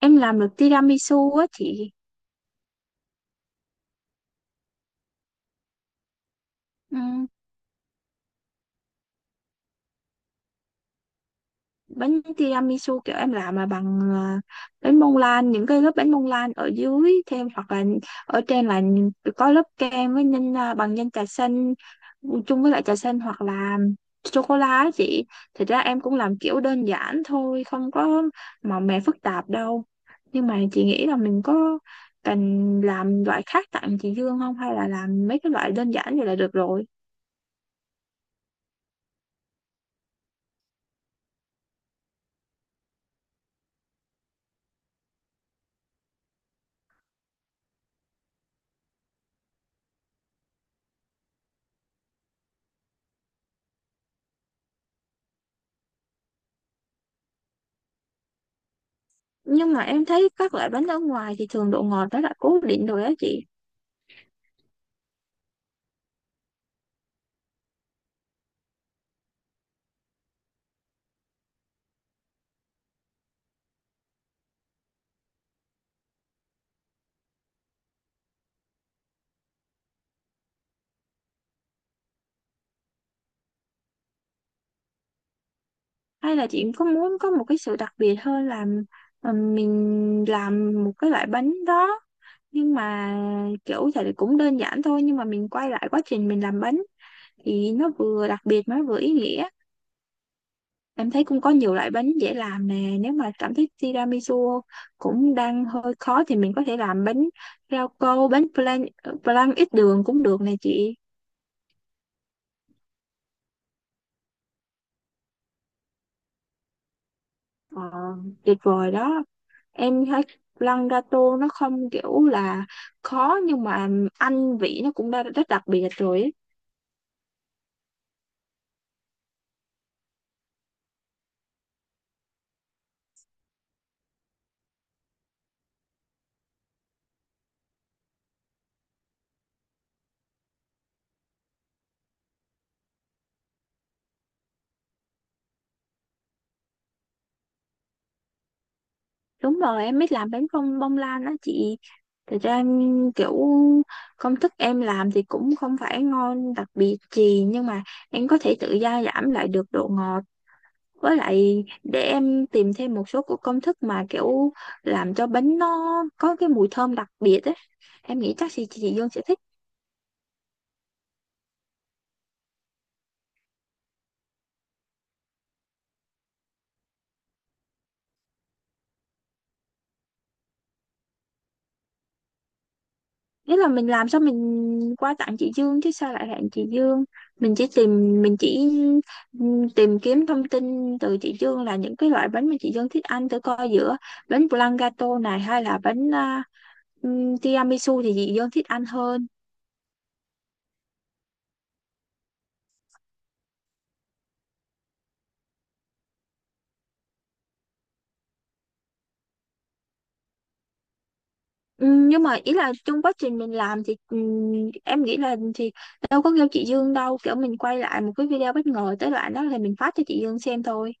Em làm được tiramisu á chị. Ừ, bánh tiramisu kiểu em làm là bằng bánh bông lan, những cái lớp bánh bông lan ở dưới, thêm hoặc là ở trên là có lớp kem với nhân bằng nhân trà xanh. Ừ, chung với lại trà xanh hoặc là sô cô la á chị. Thật ra em cũng làm kiểu đơn giản thôi, không có màu mè phức tạp đâu, nhưng mà chị nghĩ là mình có cần làm loại khác tặng chị Dương không, hay là làm mấy cái loại đơn giản vậy là được rồi? Nhưng mà em thấy các loại bánh ở ngoài thì thường độ ngọt nó đã cố định rồi á chị. Hay là chị có muốn có một cái sự đặc biệt hơn là mình làm một cái loại bánh đó, nhưng mà kiểu thì cũng đơn giản thôi, nhưng mà mình quay lại quá trình mình làm bánh thì nó vừa đặc biệt mà nó vừa ý nghĩa. Em thấy cũng có nhiều loại bánh dễ làm nè, nếu mà cảm thấy tiramisu cũng đang hơi khó thì mình có thể làm bánh rau câu, bánh flan, flan ít đường cũng được nè chị. Ờ, tuyệt vời đó. Em thấy lăn gato nó không kiểu là khó, nhưng mà anh vị nó cũng đã rất đặc biệt rồi ấy. Đúng rồi, em biết làm bánh không bông lan đó chị. Thật ra em kiểu công thức em làm thì cũng không phải ngon đặc biệt gì, nhưng mà em có thể tự gia giảm lại được độ ngọt, với lại để em tìm thêm một số của công thức mà kiểu làm cho bánh nó có cái mùi thơm đặc biệt ấy. Em nghĩ chắc chị Dương sẽ thích. Ý là mình làm sao mình qua tặng chị Dương chứ sao lại hẹn chị Dương, mình chỉ tìm, mình chỉ tìm kiếm thông tin từ chị Dương là những cái loại bánh mà chị Dương thích ăn, thử coi giữa bánh blanc gato này hay là bánh tiramisu thì chị Dương thích ăn hơn. Nhưng mà ý là trong quá trình mình làm thì em nghĩ là thì đâu có kêu chị Dương đâu, kiểu mình quay lại một cái video, bất ngờ tới đoạn đó thì mình phát cho chị Dương xem thôi.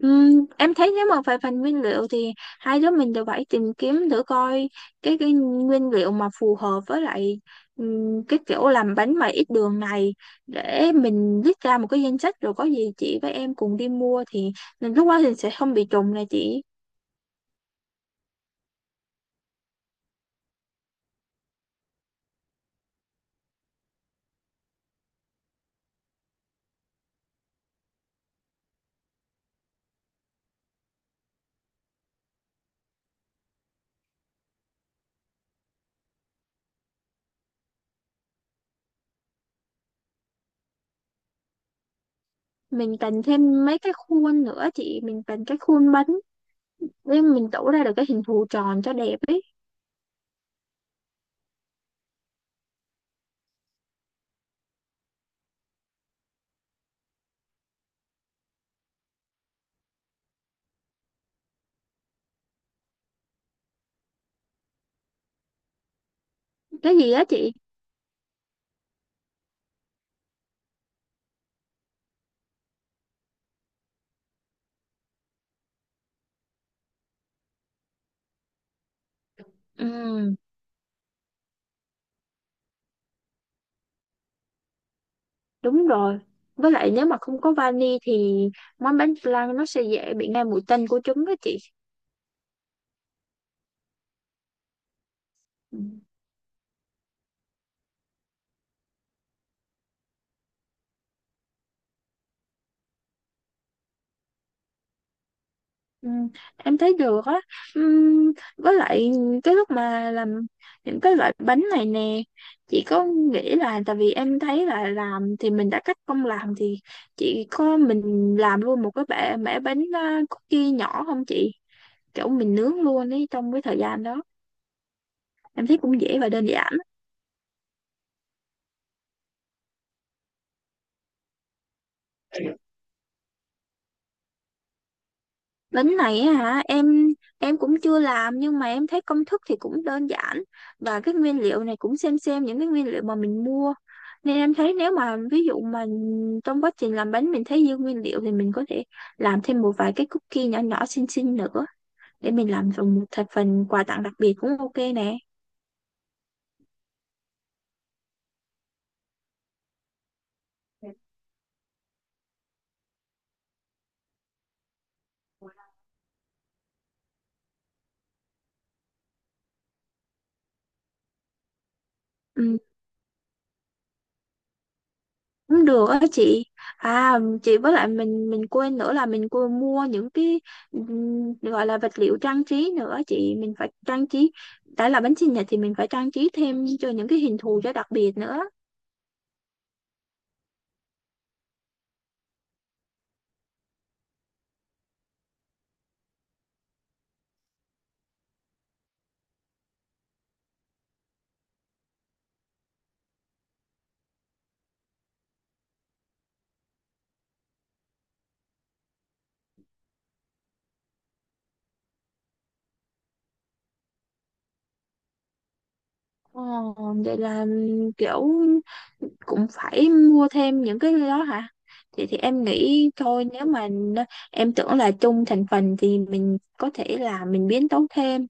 Em thấy nếu mà về phần nguyên liệu thì hai đứa mình đều phải tìm kiếm thử coi cái nguyên liệu mà phù hợp với lại cái kiểu làm bánh mà ít đường này, để mình viết ra một cái danh sách, rồi có gì chị với em cùng đi mua, thì mình lúc đó thì sẽ không bị trùng này chị. Mình cần thêm mấy cái khuôn nữa chị, mình cần cái khuôn bánh để mình tủ ra được cái hình thù tròn cho đẹp ấy. Cái gì á chị? Ừm. Đúng rồi. Với lại nếu mà không có vani thì món bánh flan nó sẽ dễ bị ngay mùi tanh của trứng đó chị. Ừ. Ừ, em thấy được á. Với lại cái lúc mà làm những cái loại bánh này nè, chị có nghĩ là, tại vì em thấy là làm thì mình đã cách công làm, thì chị có mình làm luôn một cái bẻ mẻ bánh cookie nhỏ không chị? Kiểu mình nướng luôn ấy trong cái thời gian đó. Em thấy cũng dễ và đơn giản. Bánh này á hả em cũng chưa làm, nhưng mà em thấy công thức thì cũng đơn giản, và cái nguyên liệu này cũng xem những cái nguyên liệu mà mình mua, nên em thấy nếu mà ví dụ mà trong quá trình làm bánh mình thấy dư nguyên liệu thì mình có thể làm thêm một vài cái cookie nhỏ nhỏ xinh xinh nữa, để mình làm thành một thành phần quà tặng đặc biệt cũng ok nè. Ừ, cũng được á chị. À chị, với lại mình quên nữa, là mình quên mua những cái gọi là vật liệu trang trí nữa chị, mình phải trang trí, đã là bánh sinh nhật thì mình phải trang trí thêm cho những cái hình thù cho đặc biệt nữa. Ờ, vậy là kiểu cũng phải mua thêm những cái đó hả? Thì em nghĩ thôi, nếu mà em tưởng là chung thành phần thì mình có thể là mình biến tấu thêm.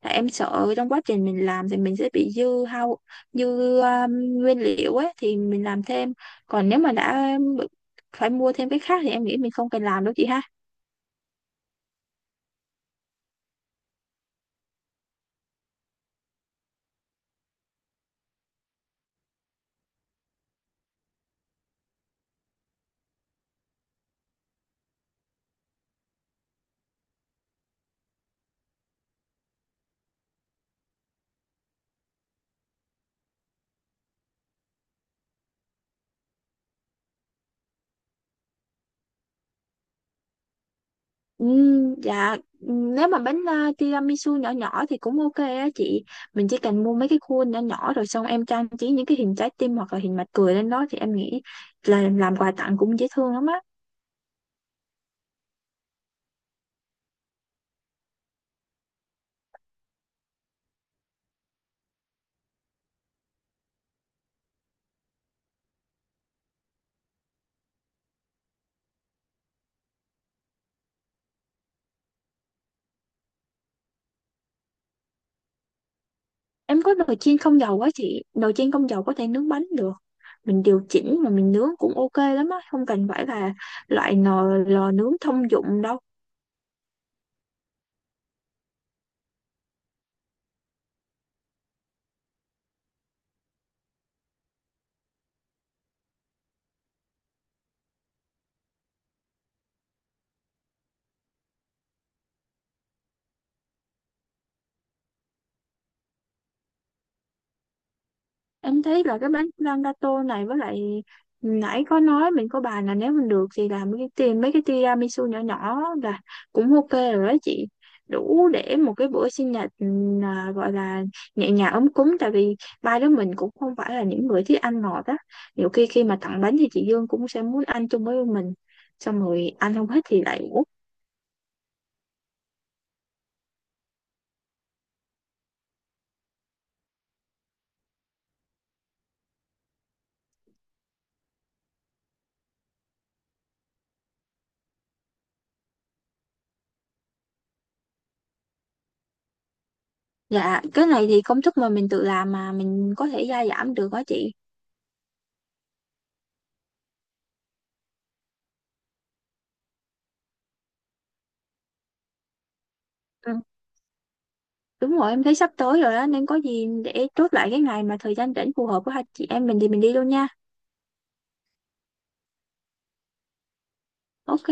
Tại em sợ trong quá trình mình làm thì mình sẽ bị dư hao, dư um, nguyên liệu ấy thì mình làm thêm. Còn nếu mà phải mua thêm cái khác thì em nghĩ mình không cần làm đâu chị ha. Dạ, nếu mà bánh tiramisu nhỏ nhỏ thì cũng ok á chị. Mình chỉ cần mua mấy cái khuôn nhỏ nhỏ rồi xong em trang trí những cái hình trái tim hoặc là hình mặt cười lên đó, thì em nghĩ là làm quà tặng cũng dễ thương lắm á. Em có nồi chiên không dầu á chị. Nồi chiên không dầu có thể nướng bánh được. Mình điều chỉnh mà mình nướng cũng ok lắm á. Không cần phải là loại nồi lò nướng thông dụng đâu. Em thấy là cái bánh flan gato này, với lại nãy có nói mình có bàn là nếu mình được thì làm cái, tìm mấy cái tiramisu nhỏ nhỏ là cũng ok rồi đó chị, đủ để một cái bữa sinh nhật gọi là nhẹ nhàng ấm cúng, tại vì ba đứa mình cũng không phải là những người thích ăn ngọt á, nhiều khi khi mà tặng bánh thì chị Dương cũng sẽ muốn ăn chung với mình, xong rồi ăn không hết thì lại uống. Dạ, cái này thì công thức mà mình tự làm mà mình có thể gia giảm được đó chị. Đúng rồi, em thấy sắp tới rồi đó, nên có gì để chốt lại cái ngày mà thời gian rảnh phù hợp của hai chị em mình thì mình đi luôn nha. Ok.